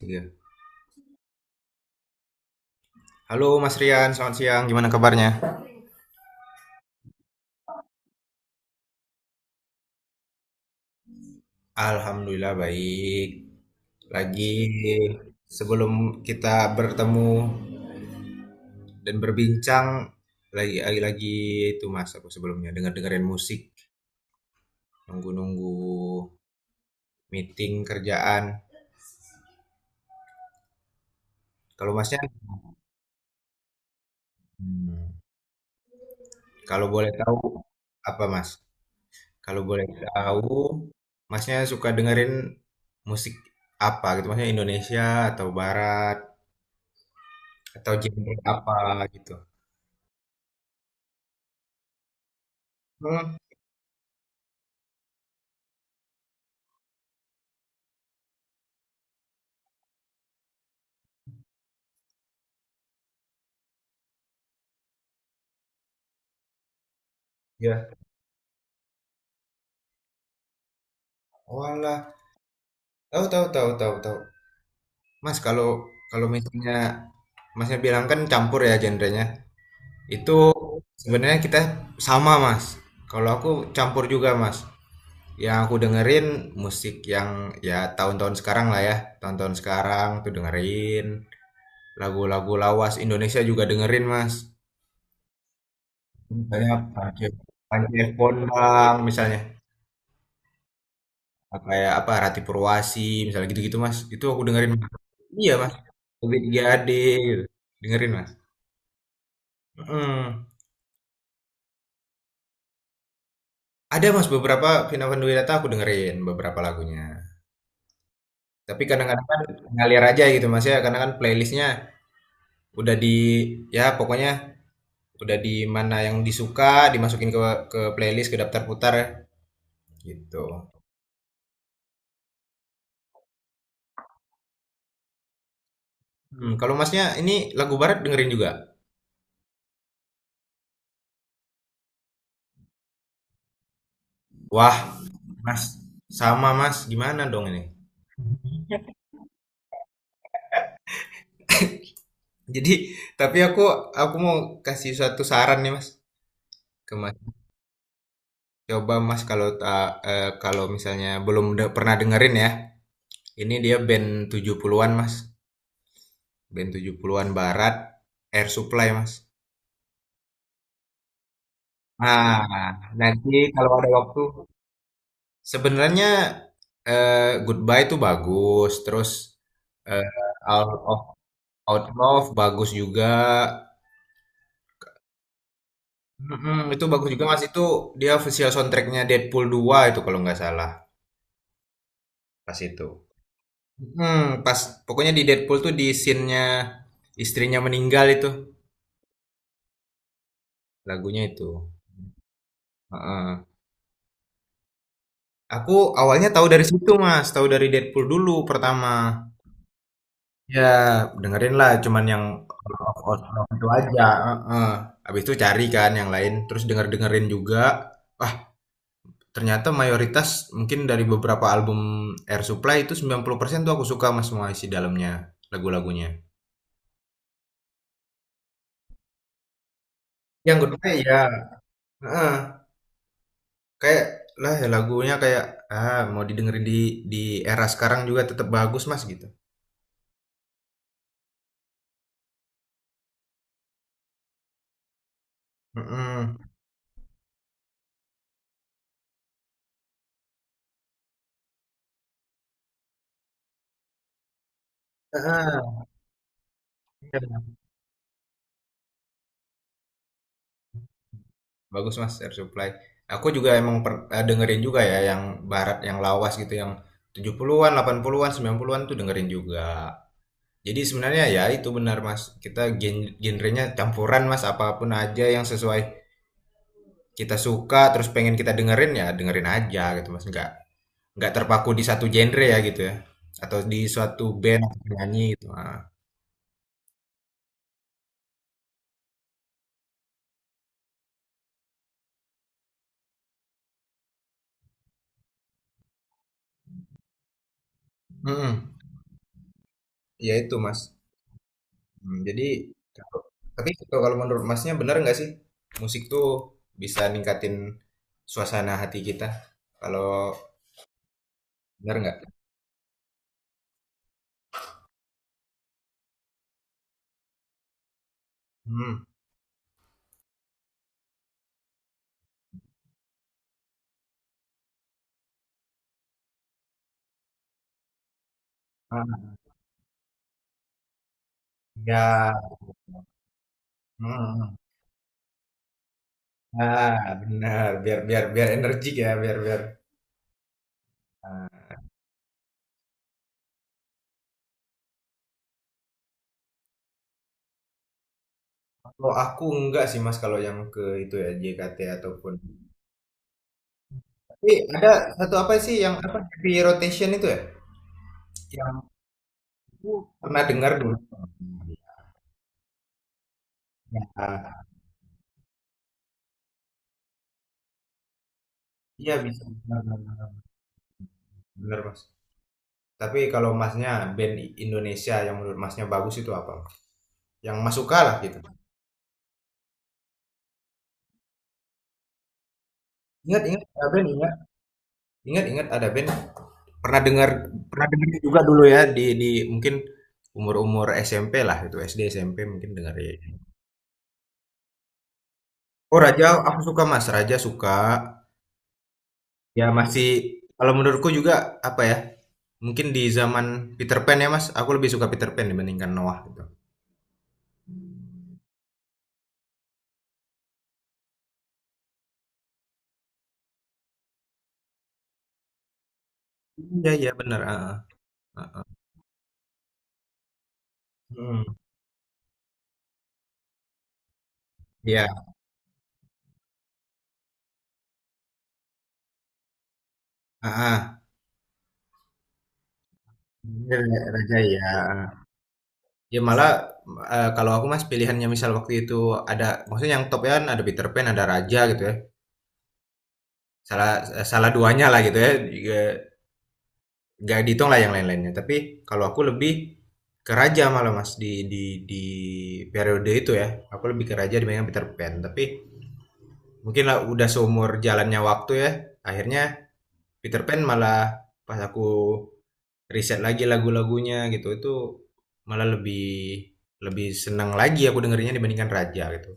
Iya. Halo Mas Rian, selamat siang. Gimana kabarnya? Alhamdulillah baik. Lagi sebelum kita bertemu dan berbincang lagi, itu Mas aku sebelumnya dengar-dengerin musik, nunggu-nunggu meeting kerjaan. Kalau Masnya. Hmm. Kalau boleh tahu apa Mas? Kalau boleh tahu Masnya suka dengerin musik apa gitu, Masnya Indonesia atau barat? Atau genre apa gitu? Hmm, ya. Walah, tahu tahu tahu tahu tahu. Mas kalau kalau misalnya Masnya bilang kan campur ya genrenya. Itu sebenarnya kita sama Mas. Kalau aku campur juga Mas. Yang aku dengerin musik yang ya tahun-tahun sekarang lah ya. Tahun-tahun sekarang tuh dengerin. Lagu-lagu lawas Indonesia juga dengerin Mas. Misalnya Panji Panji F. Bondang misalnya. Kayak apa Rati Purwasi misalnya, gitu-gitu Mas, itu aku dengerin Mas. Iya Mas, lebih 3AD gitu. Dengerin Mas. Mm. Ada Mas beberapa Vina Panduwinata, aku dengerin beberapa lagunya, tapi kadang-kadang kan ngalir aja gitu Mas ya, karena kan playlistnya udah di, ya pokoknya udah di mana yang disuka dimasukin ke playlist, ke daftar putar gitu. Hmm, kalau Masnya ini lagu barat dengerin juga? Wah Mas, sama Mas, gimana dong ini? Jadi, tapi aku mau kasih suatu saran nih Mas. Ke Mas. Coba Mas, kalau kalau misalnya belum pernah dengerin ya. Ini dia band 70-an Mas. Band 70-an barat, Air Supply Mas. Nah, nanti kalau ada waktu sebenarnya, eh, Goodbye itu bagus, terus, eh, Out of Out Love bagus juga. Mm-mm, itu bagus juga Mas. Itu dia official soundtracknya Deadpool 2 itu kalau nggak salah, pas itu. Mhm, pas pokoknya di Deadpool tuh di scene-nya istrinya meninggal itu, lagunya itu. Heeh. Aku awalnya tahu dari situ, Mas, tahu dari Deadpool dulu pertama. Ya, dengerin lah cuman yang Lord of Oslo itu aja, heeh. Habis itu cari kan yang lain, terus denger-dengerin juga. Wah, ternyata mayoritas mungkin dari beberapa album Air Supply itu 90% tuh aku suka, Mas, semua isi dalamnya, lagu-lagunya. Yang kedua ya, heeh. Kayak, lah ya lagunya kayak, ah mau didengerin di di era sekarang juga tetap bagus Mas, gitu. Mhm. Heeh, iya, bagus Mas, Air Supply. Aku juga emang dengerin juga ya yang barat, yang lawas gitu, yang 70-an, 80-an, 90-an tuh dengerin juga. Jadi sebenarnya ya itu benar Mas, kita genrenya campuran Mas, apapun aja yang sesuai kita suka, terus pengen kita dengerin, ya dengerin aja gitu Mas, nggak terpaku di satu genre ya gitu ya? Atau di suatu band atau penyanyi gitu, heeh. Mhm, iya itu Mas, jadi kalau, tapi kalau kalau menurut Masnya benar nggak sih, musik tuh bisa ningkatin suasana hati kita? Kalau benar nggak? hmm ah, iya, mhm, mhm, nah, biar biar biar energik ya, biar biar Ah, kalau aku enggak sih Mas, kalau yang ke itu ya, JKT ataupun, tapi ada satu apa sih yang apa, Happy Rotation itu ya? Yang aku pernah dengar dulu. Ya, iya bisa. Benar, benar, benar. Mas. Tapi kalau Masnya band Indonesia yang menurut Masnya bagus itu apa? Yang Mas suka lah gitu. Ingat, ingat Ada Band, ingat. Ingat, ingat Ada Band. Pernah dengar, pernah dengar juga dulu ya di mungkin umur-umur SMP lah, itu SD SMP mungkin dengar ya. Oh Raja, aku suka Mas. Raja suka. Ya masih, kalau menurutku juga apa ya? Mungkin di zaman Peter Pan ya Mas, aku lebih suka Peter Pan dibandingkan Noah gitu. Iya, iya benar. Heeh. Hmm, ya, ah, Raja ya. Ya malah kalau aku Mas pilihannya misal waktu itu ada, maksudnya yang top ya kan ada Peter Pan, ada Raja gitu ya. Salah salah duanya lah gitu ya. Juga nggak dihitung lah yang lain-lainnya. Tapi kalau aku lebih ke Raja malah Mas, di di periode itu ya. Aku lebih ke Raja dibandingkan Peter Pan. Tapi mungkin lah udah seumur jalannya waktu ya, akhirnya Peter Pan malah, pas aku riset lagi lagu-lagunya gitu, itu malah lebih lebih senang lagi aku dengerinnya dibandingkan Raja gitu.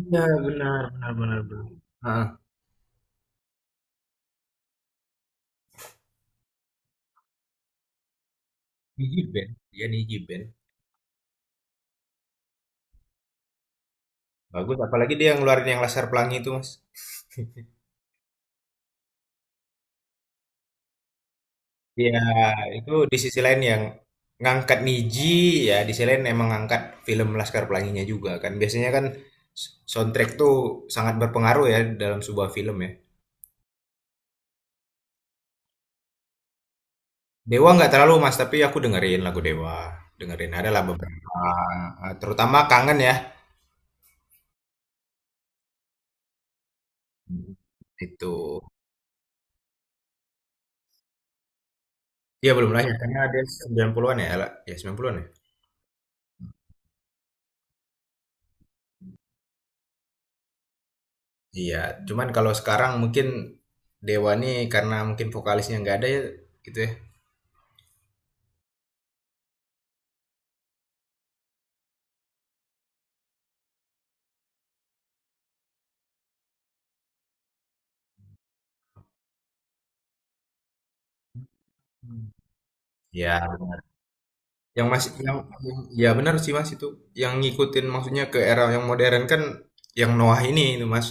Iya benar benar benar benar. Heeh. Niji Band, dia Niji Band bagus, apalagi dia yang ngeluarin yang Laskar Pelangi itu Mas. Iya, itu di sisi lain yang ngangkat Niji, ya di sisi lain emang ngangkat film Laskar Pelanginya juga kan. Biasanya kan soundtrack tuh sangat berpengaruh ya dalam sebuah film ya. Dewa nggak terlalu Mas, tapi aku dengerin lagu Dewa. Dengerin adalah beberapa, terutama Kangen ya. Hmm, itu. Iya belum nanya, karena ada 90-an ya, Ella? Ya 90-an ya. Iya, cuman kalau sekarang mungkin Dewa nih karena mungkin vokalisnya nggak ada ya gitu ya. Ya, yang masih yang ya benar sih, Mas, itu. Yang ngikutin maksudnya ke era yang modern kan yang Noah ini itu, Mas.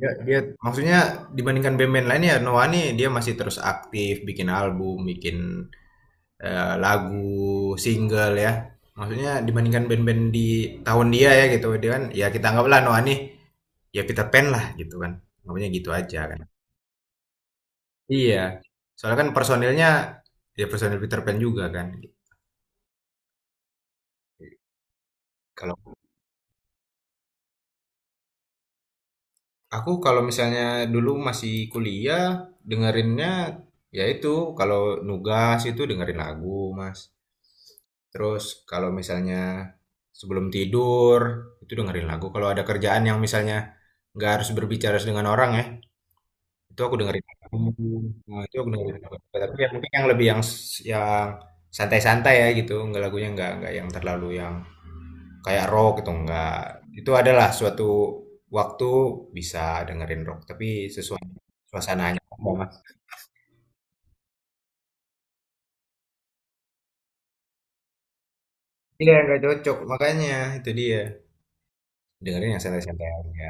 Dia dia maksudnya dibandingkan band-band lain ya, Noah nih dia masih terus aktif bikin album, bikin lagu, single ya. Maksudnya dibandingkan band-band di tahun dia ya gitu. Dia kan ya kita anggaplah Noah nih ya Peter Pan lah gitu kan. Namanya gitu aja kan. Iya. Soalnya kan personilnya ya personil Peter Pan juga kan. Kalau Aku kalau misalnya dulu masih kuliah, dengerinnya ya itu, kalau nugas itu dengerin lagu, Mas. Terus kalau misalnya sebelum tidur itu dengerin lagu. Kalau ada kerjaan yang misalnya nggak harus berbicara dengan orang ya, itu aku dengerin lagu. Nah, itu aku dengerin lagu. Tapi yang mungkin yang lebih yang santai-santai ya gitu, nggak lagunya nggak yang terlalu yang kayak rock gitu enggak. Itu adalah suatu waktu bisa dengerin rock, tapi sesuai suasananya enggak, Mas. Iya, enggak cocok. Makanya itu dia. Dengerin yang santai-santai aja.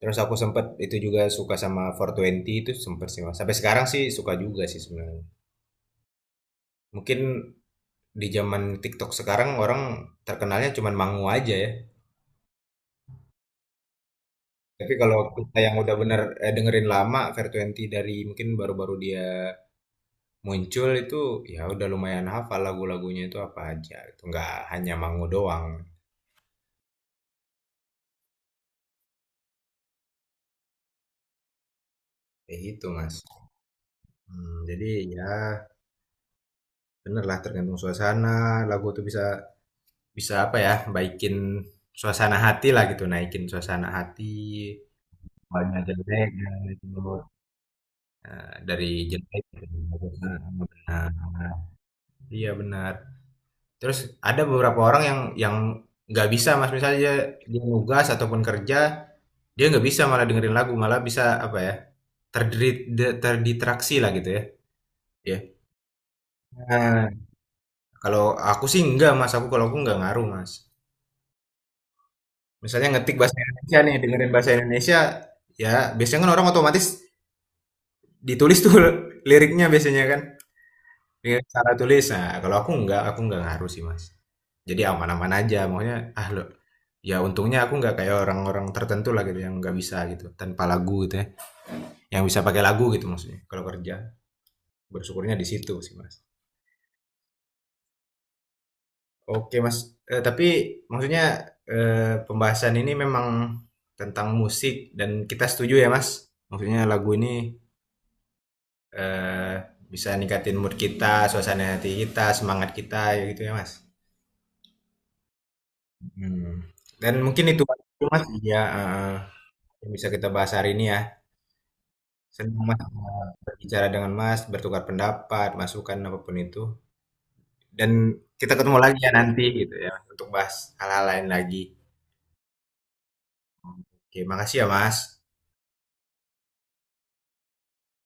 Terus aku sempet itu juga suka sama Four Twenty itu, sempet sih, Mas. Sampai sekarang sih suka juga sih sebenarnya. Mungkin di zaman TikTok sekarang orang terkenalnya cuman Mangu aja ya. Tapi kalau kita yang udah bener, dengerin lama, Fair Twenty dari mungkin baru-baru dia muncul itu, ya udah lumayan hafal lagu-lagunya itu apa aja, itu nggak hanya Mangu doang, kayak gitu Mas. Hmm, jadi ya bener lah tergantung suasana, lagu tuh bisa bisa apa ya, baikin suasana hati lah gitu, naikin suasana hati. Banyak jelek gitu itu, dari jelek ke bagus. Nah, nah, iya benar. Terus ada beberapa orang yang nggak bisa Mas, misalnya dia nugas ataupun kerja. Dia nggak bisa malah dengerin lagu, malah bisa apa ya, terdistraksi lah gitu ya. Ya. Nah, kalau aku sih enggak Mas, kalau aku nggak ngaruh Mas. Misalnya ngetik bahasa Indonesia nih, dengerin bahasa Indonesia, ya biasanya kan orang otomatis ditulis tuh liriknya biasanya kan, dengan cara tulis. Nah, kalau aku nggak ngaruh sih Mas. Jadi aman-aman aja, maunya ah lo, ya untungnya aku nggak kayak orang-orang tertentu lah gitu yang nggak bisa gitu, tanpa lagu gitu ya, yang bisa pakai lagu gitu maksudnya, kalau kerja. Bersyukurnya di situ sih Mas. Oke Mas, tapi maksudnya, pembahasan ini memang tentang musik dan kita setuju ya Mas, maksudnya lagu ini, eee, bisa ningkatin mood kita, suasana hati kita, semangat kita, ya gitu ya Mas? Hmm. Dan mungkin itu Mas ya, heeh, yang bisa kita bahas hari ini ya. Senang Mas berbicara dengan Mas, bertukar pendapat, masukan, apapun itu, dan kita ketemu lagi ya nanti gitu ya untuk bahas hal-hal lain lagi. Oke, makasih ya, Mas.